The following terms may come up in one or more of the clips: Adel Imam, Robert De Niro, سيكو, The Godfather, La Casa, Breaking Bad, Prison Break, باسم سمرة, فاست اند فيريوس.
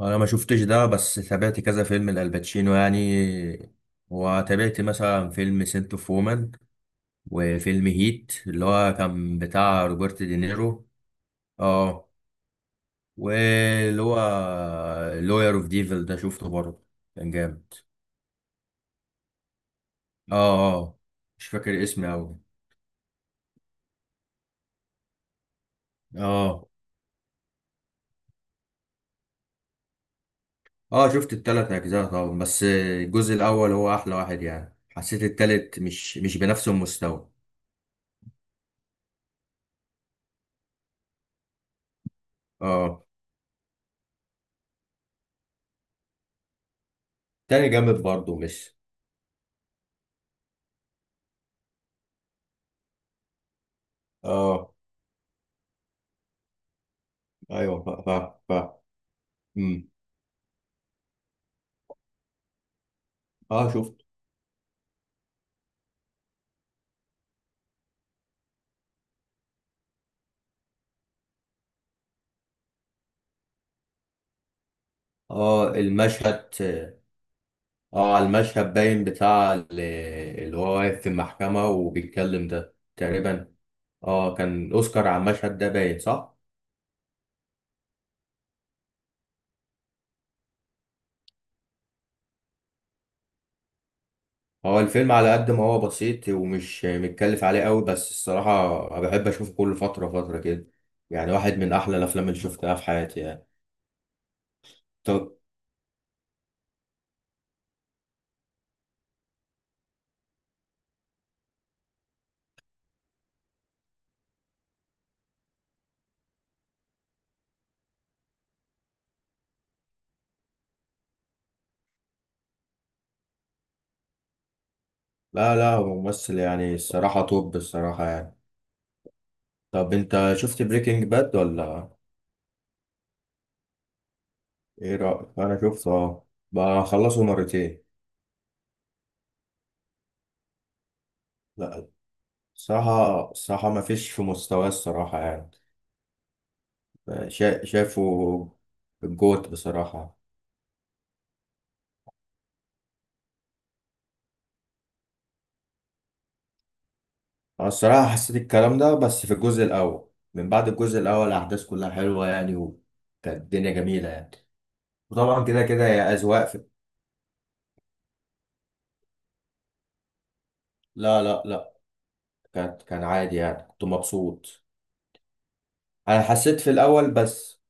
انا ما شفتش ده، بس تابعت كذا فيلم لالباتشينو يعني، وتابعت مثلا فيلم سنت اوف وومن، وفيلم هيت اللي هو كان بتاع روبرت دينيرو. اه. واللي هو لوير اوف ديفل ده شفته برضه، كان جامد. اه. اه. مش فاكر اسمي اوي. اه. اه. شفت التلات اجزاء طبعا، بس الجزء الاول هو احلى واحد يعني، حسيت التالت مش بنفس المستوى. اه، تاني جامد برضه مش اه، ايوه، فا فا فا امم اه، شفت اه المشهد. اه، على المشهد باين بتاع اللي هو واقف في المحكمة وبيتكلم ده تقريبا. اه، كان الاوسكار على المشهد ده باين صح. هو الفيلم على قد ما هو بسيط ومش متكلف عليه قوي، بس الصراحة أنا بحب اشوفه كل فترة فترة كده. يعني واحد من احلى الافلام اللي شفتها في حياتي يعني. طب. لا، لا هو ممثل يعني، الصراحة توب الصراحة يعني. طب انت شفت بريكنج باد ولا؟ ايه رأيك، انا شفته اه. بخلصه مرتين. لا. الصراحة ما فيش في مستواه، الصراحة يعني. شايفه الجوت بصراحة. انا الصراحة حسيت الكلام ده، بس في الجزء الاول، من بعد الجزء الاول الاحداث كلها حلوة يعني، وكانت الدنيا جميلة يعني. وطبعا كده كده هي اذواق. لا لا لا، كان عادي يعني، كنت مبسوط. انا حسيت في الاول بس.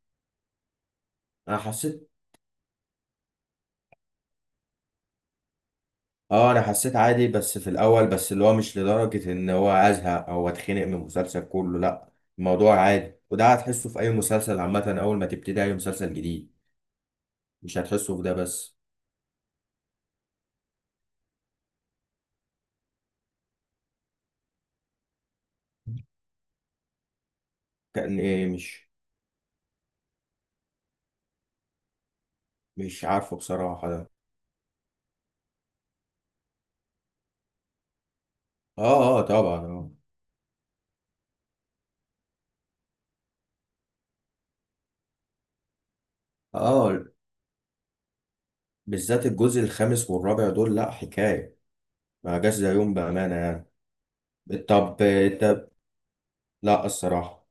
انا حسيت اه انا حسيت عادي بس في الاول بس، اللي هو مش لدرجة ان هو ازهق او اتخنق من المسلسل كله، لا. الموضوع عادي، وده هتحسه في اي مسلسل عامة، اول ما تبتدي اي مسلسل جديد، مش هتحسه في ده بس. كان ايه؟ مش عارفه بصراحة ده. اه، اه، طبعا، اه. اه، بالذات الجزء الخامس والرابع دول لا حكاية. ما جاش زيهم بأمانة يعني. طب انت لا، الصراحة.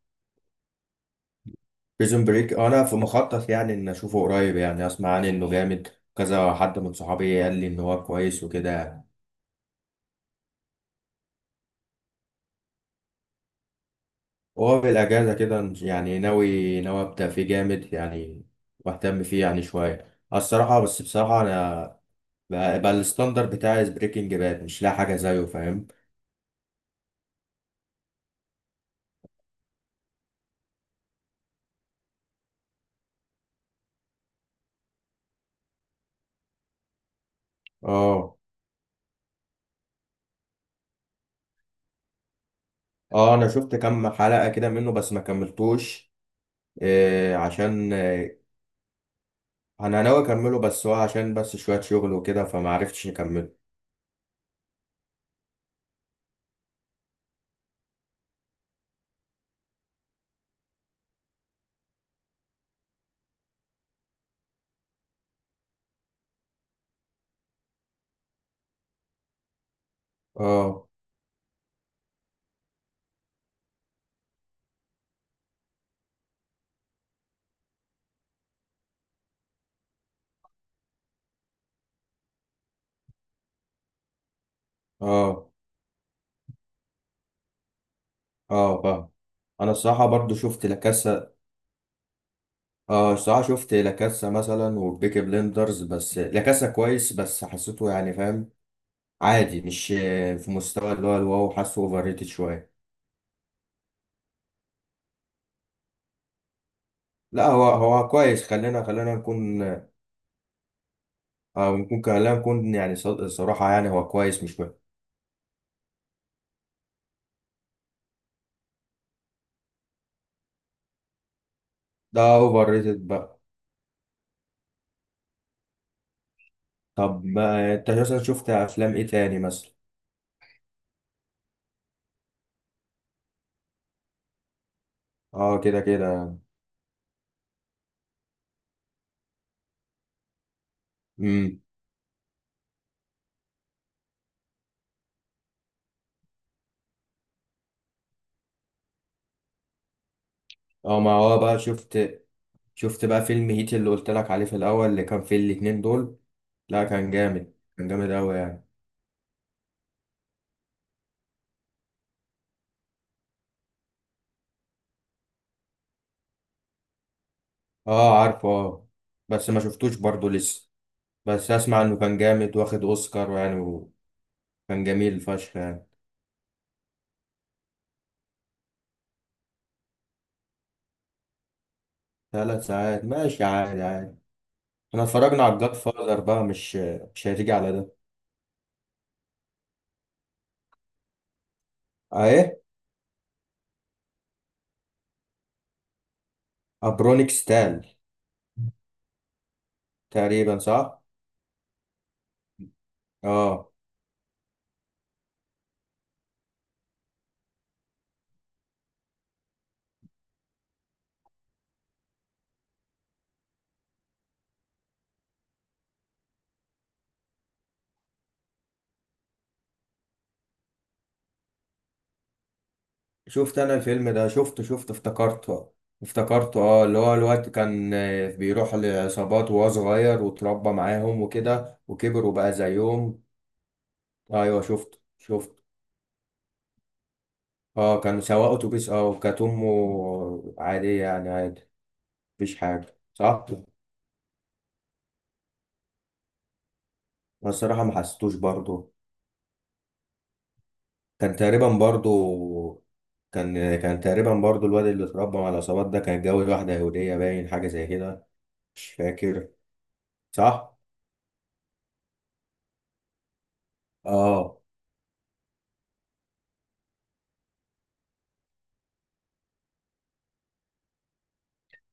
بريزون بريك انا في مخطط يعني ان اشوفه قريب، يعني اسمع عنه انه جامد. كذا حد من صحابي قال لي ان هو كويس وكده. وهو بالاجازه كده يعني ناوي ناوي ابدا فيه جامد يعني. واهتم فيه يعني شويه الصراحه، بس بصراحه انا بقى الستاندر بتاعي بريكنج باد، مش لاقي حاجه زيه، فاهم؟ اه، اه، انا شفت كام حلقه كده منه بس ما كملتوش. إيه، عشان إيه؟ انا ناوي اكمله، بس هو عشان بس شويه شغل وكده، فما عرفتش اكمله. اه، اه، اه، فاهم. انا الصراحه برضو شفت لاكاسا. اه، الصراحه شفت لاكاسا مثلا وبيكي بلندرز، بس لاكاسا كويس بس حسيته يعني، فاهم؟ عادي، مش في مستوى اللي هو الواو، حاسه اوفر ريتد شويه. لا، هو هو كويس، خلينا خلينا نكون نكون خلينا نكون يعني صراحه يعني، هو كويس مش وحش. ده اوفر ريتد بقى. طب ما انت مثلا شفت افلام ايه تاني مثلا؟ اه، كده كده. اه، ما هو بقى شفت بقى فيلم هيت اللي قلت لك عليه في الاول، اللي كان فيه الاتنين دول. لا، كان جامد، كان جامد قوي يعني. اه، عارفه، اه. بس ما شفتوش برضه لسه. بس اسمع انه كان جامد واخد اوسكار يعني، وكان جميل فشخ يعني. 3 ساعات ماشي، عادي عادي. احنا اتفرجنا على الجاد فاذر بقى مش هتيجي على ده. اهي. ابرونيك ستال. تقريبا صح. اه شفت، انا الفيلم ده شفته افتكرته. اه اللي هو الوقت كان بيروح لعصابات وهو صغير واتربى معاهم وكده، وكبر وبقى زيهم. ايوه، شفته شفته. اه، كان سواق اتوبيس، اه، وكانت امه عادية يعني، عادي. مفيش حاجة، صح؟ أنا الصراحة ما حسيتوش برضه. كان تقريبا برضه كان تقريبا برضه الواد اللي اتربى مع العصابات ده كان اتجوز واحدة يهودية باين، حاجة زي كده. مش فاكر. صح؟ اه.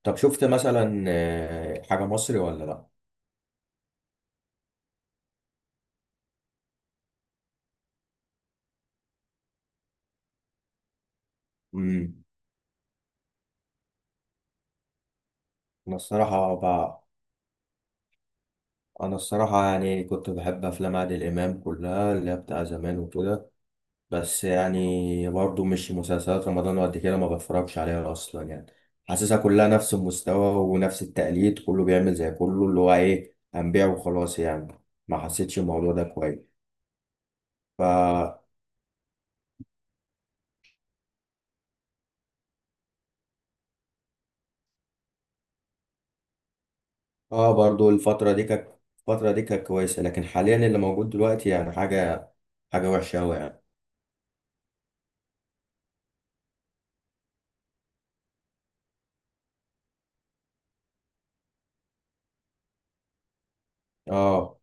طب شفت مثلا حاجة مصري ولا لأ؟ امم أنا الصراحة ب... أنا الصراحة يعني كنت بحب أفلام عادل إمام كلها اللي هي بتاع زمان وكده. بس يعني برضو مش مسلسلات رمضان وقد كده، ما بتفرجش عليها أصلا يعني. حاسسها كلها نفس المستوى ونفس التقليد، كله بيعمل زي كله، اللي هو إيه، هنبيع وخلاص يعني. ما حسيتش الموضوع ده كويس. فا آه برضو الفترة دي كانت كويسة، لكن حاليا اللي موجود دلوقتي يعني حاجة وحشة أوي يعني. اه،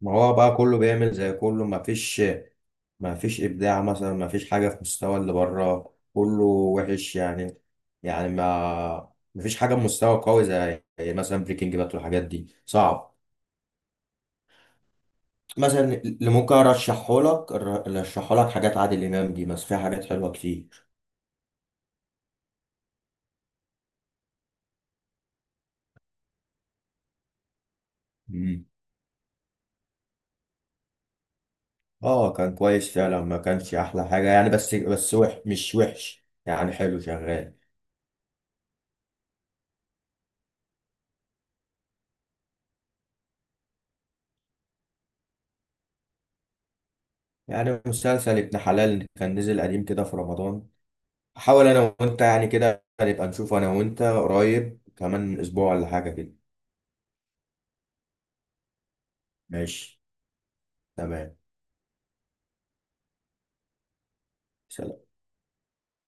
ما هو بقى كله بيعمل زي كله، ما فيش ابداع مثلا، ما فيش حاجه في مستوى اللي بره، كله وحش يعني. يعني ما فيش حاجه بمستوى قوي، زي مثلا بريكنج بات والحاجات دي، صعب. مثلا اللي ممكن ارشحه لك حاجات عادل امام دي، بس فيها حاجات حلوه كتير. مم. اه، كان كويس فعلا، ما كانش احلى حاجه يعني، بس مش وحش يعني، حلو شغال. يعني مسلسل ابن حلال كان نزل قديم كده في رمضان. حاول انا وانت يعني كده نبقى نشوف انا وانت قريب، كمان اسبوع ولا حاجة كده. ماشي. تمام. سلام.